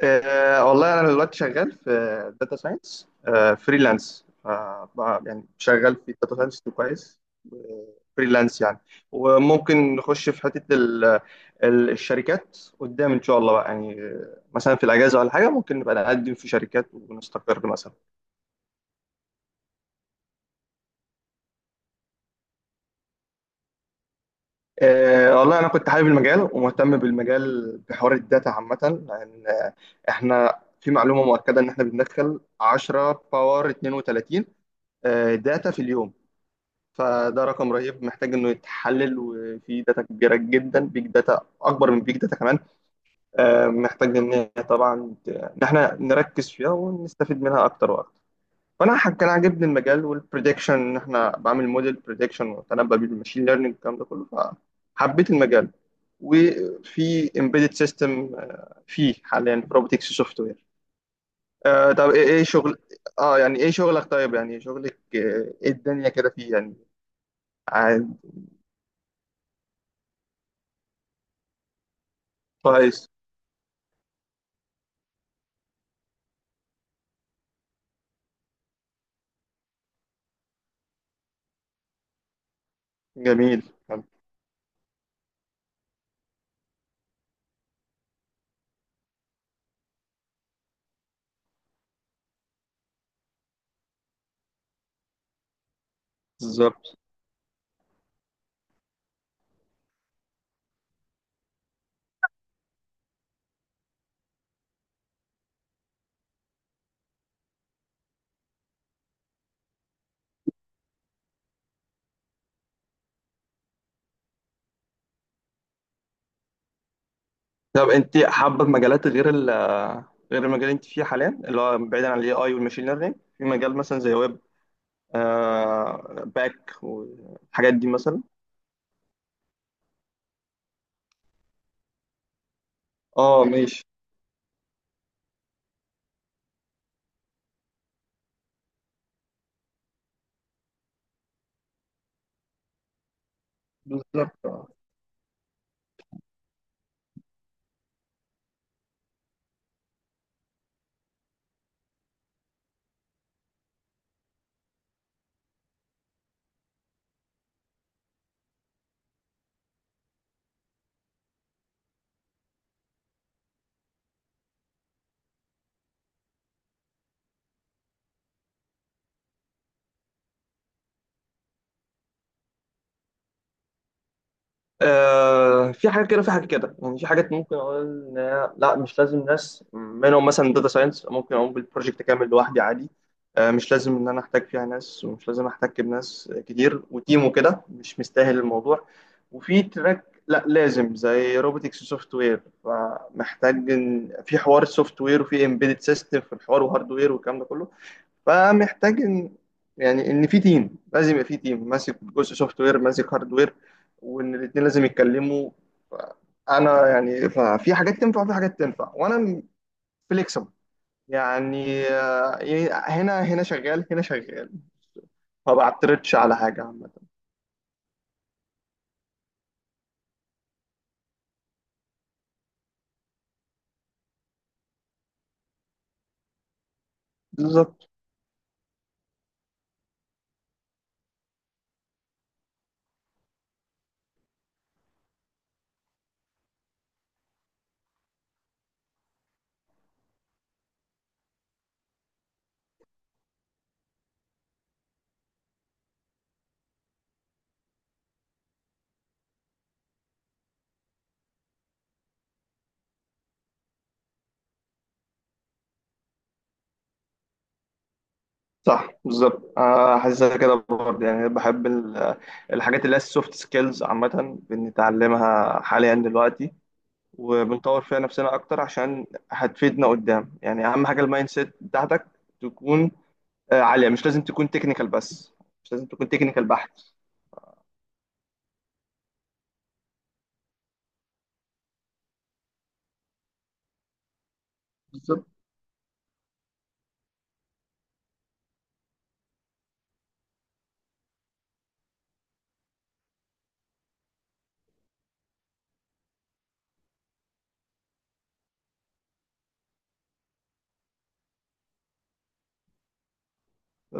أه والله انا دلوقتي شغال في داتا ساينس فريلانس. يعني شغال في داتا ساينس كويس، فريلانس يعني. وممكن نخش في حته الشركات قدام ان شاء الله بقى. يعني مثلا في الاجازه ولا حاجه ممكن نبقى نقدم في شركات ونستقر مثلا. أه والله انا كنت حابب المجال ومهتم بالمجال بحوار الداتا عامه، لان احنا في معلومه مؤكده ان احنا بندخل 10 باور 32 داتا في اليوم. فده رقم رهيب محتاج انه يتحلل، وفي داتا كبيره جدا، بيج داتا اكبر من بيج داتا كمان. محتاج ان هي طبعا ان احنا نركز فيها ونستفيد منها اكتر واكتر. فانا كان عاجبني المجال والبريدكشن، ان احنا بعمل موديل بريدكشن وتنبأ بالماشين ليرنينج الكلام ده كله، فحبيت المجال. وفي امبيدد سيستم، فيه حاليا في روبوتكس سوفت وير. طب إيه شغل؟ اه، يعني ايه شغلك؟ طيب يعني شغلك ايه الدنيا كده فيه يعني؟ عاد. كويس. جميل. حلو. بالظبط. طب انت حابه في مجالات غير غير المجال اللي انت فيه حاليا، اللي هو بعيدا عن الاي اي والماشين ليرنينج، في مجال مثلا زي ويب باك والحاجات دي مثلا؟ اه، ماشي. بالظبط. في حاجات كده، في حاجات كده. يعني في حاجات ممكن اقول إن لا، مش لازم ناس. منهم مثلا داتا ساينس ممكن اقوم بالبروجكت كامل لوحدي عادي، مش لازم ان انا احتاج فيها ناس، ومش لازم احتاج بناس كتير وتيم وكده، مش مستاهل الموضوع. وفي تراك لا لازم، زي روبوتكس سوفت وير، فمحتاج في حوار السوفت وير وفي امبيدد سيستم في الحوار وهاردوير والكلام ده كله. فمحتاج ان، يعني ان في تيم لازم. يبقى في تيم ماسك جزء سوفت وير، ماسك هارد وير، وان الاثنين لازم يتكلموا. انا يعني ففي حاجات تنفع وفي حاجات تنفع، وانا فليكسبل يعني. هنا شغال، هنا شغال. ما بعترضش على حاجه عامه. بالظبط. صح، بالظبط. حاسسها كده برضه يعني. بحب الحاجات اللي هي السوفت سكيلز عامه، بنتعلمها حاليا دلوقتي وبنطور فيها نفسنا اكتر عشان هتفيدنا قدام. يعني اهم حاجه المايند سيت بتاعتك تكون عاليه، مش لازم تكون تكنيكال بس، مش لازم تكون تكنيكال بحت. بالظبط.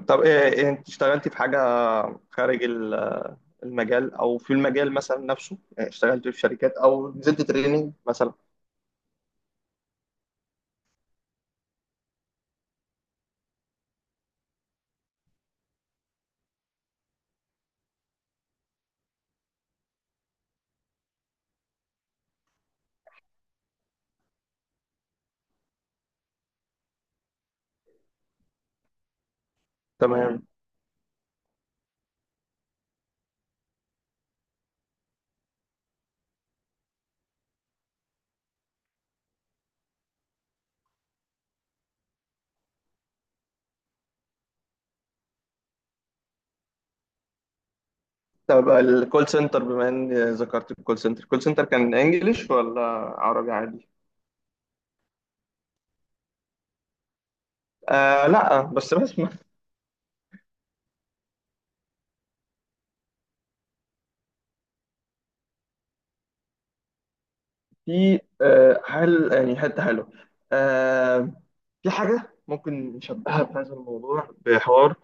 طب ايه انت اشتغلتي في حاجه خارج المجال، او في المجال مثلا نفسه؟ يعني اشتغلتي في شركات او نزلت تريننج مثلا؟ تمام. طب الكول سنتر، بما ان ذكرت الكول سنتر كان انجليش ولا عربي عادي؟ آه، لا. بس في حل، يعني حتة حلوة. آه، في حاجة ممكن نشبهها بهذا الموضوع بحوار.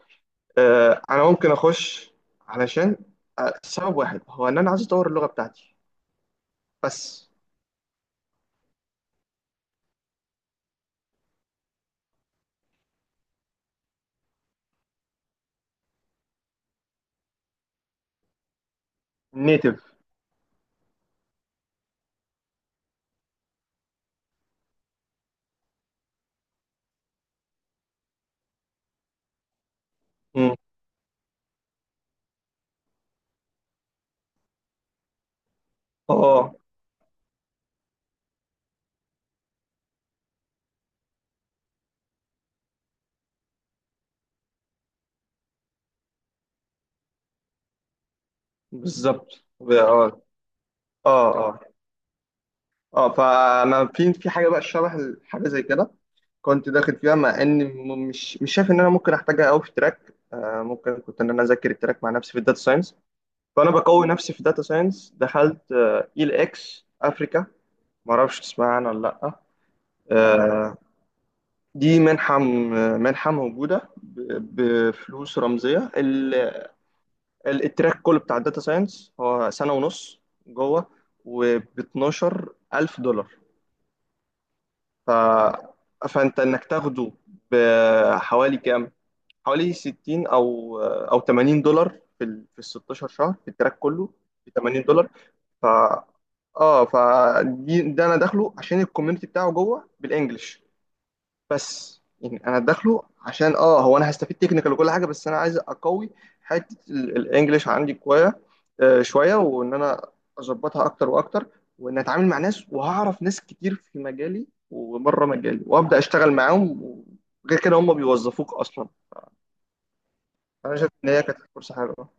أنا ممكن أخش علشان سبب واحد، هو إن أنا عايز أطور اللغة بتاعتي بس. نيتف. اه، بالظبط. اه، اه، اه، اه. فانا في حاجه بقى شبه حاجه زي كده، كنت داخل فيها مع ان مش شايف ان انا ممكن احتاجها قوي في تراك. ممكن كنت ان انا اذاكر التراك مع نفسي في الداتا ساينس، فانا بقوي نفسي في داتا ساينس. دخلت اي ال اكس افريكا، ما اعرفش تسمع عنها ولا لا؟ آه، دي منحه، منحه موجوده بفلوس رمزيه. التراك كله بتاع الداتا ساينس هو سنه ونص جوه، وب 12 الف دولار. ف... فانت انك تاخده بحوالي كام؟ حوالي 60، او $80 في ال 16 شهر، في التراك كله. ب $80. ف اه فدي. ده انا داخله عشان الكوميونتي بتاعه جوه بالانجلش، بس يعني انا داخله عشان هو انا هستفيد تكنيكال وكل حاجه، بس انا عايز اقوي حته الانجليش عندي كويس شويه، وان انا اظبطها اكتر واكتر، وان اتعامل مع ناس، وهعرف ناس كتير في مجالي وبره مجالي وابدا اشتغل معاهم. غير كده هم بيوظفوك اصلا. انا شايف ان هي كانت فرصه حلوه.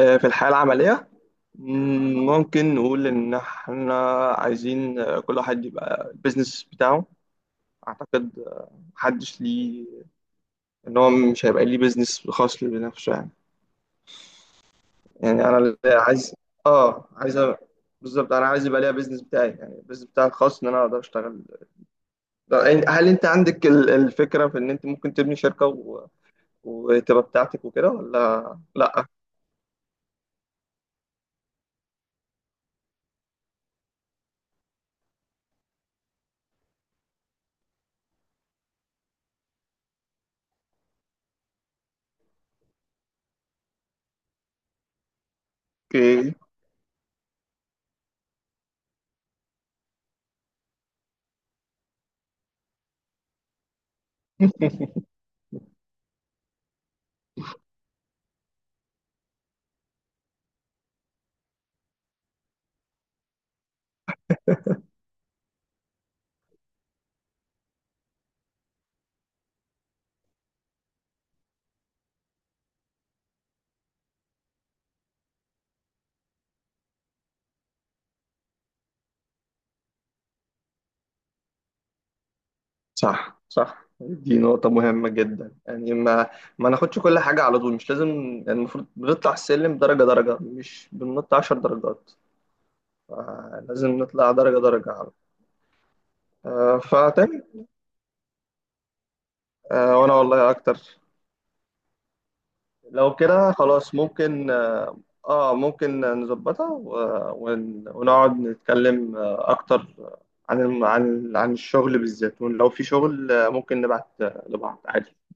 في الحياه العمليه. ممكن نقول إن إحنا عايزين كل واحد يبقى البيزنس بتاعه. أعتقد محدش ليه. إن هو مش هيبقى ليه بيزنس خاص ليه بنفسه يعني. يعني أنا اللي عايز. آه عايز أ- بالظبط، أنا عايز يبقى ليا بيزنس بتاعي، يعني البيزنس بتاعي الخاص، إن أنا أقدر أشتغل. يعني هل أنت عندك الفكرة في إن أنت ممكن تبني شركة و... وتبقى بتاعتك وكده ولا لأ؟ أوكي. صح، صح، دي نقطة مهمة جدا. يعني ما ناخدش كل حاجة على طول، مش لازم. يعني المفروض بنطلع السلم درجة درجة، مش بننط 10 درجات. لازم نطلع درجة درجة على طول. فتمام. وأنا والله أكتر. لو كده خلاص، ممكن آه آه، ممكن نظبطها ونقعد نتكلم أكتر عن عن الشغل بالذات. ولو في شغل ممكن نبعت لبعض عادي.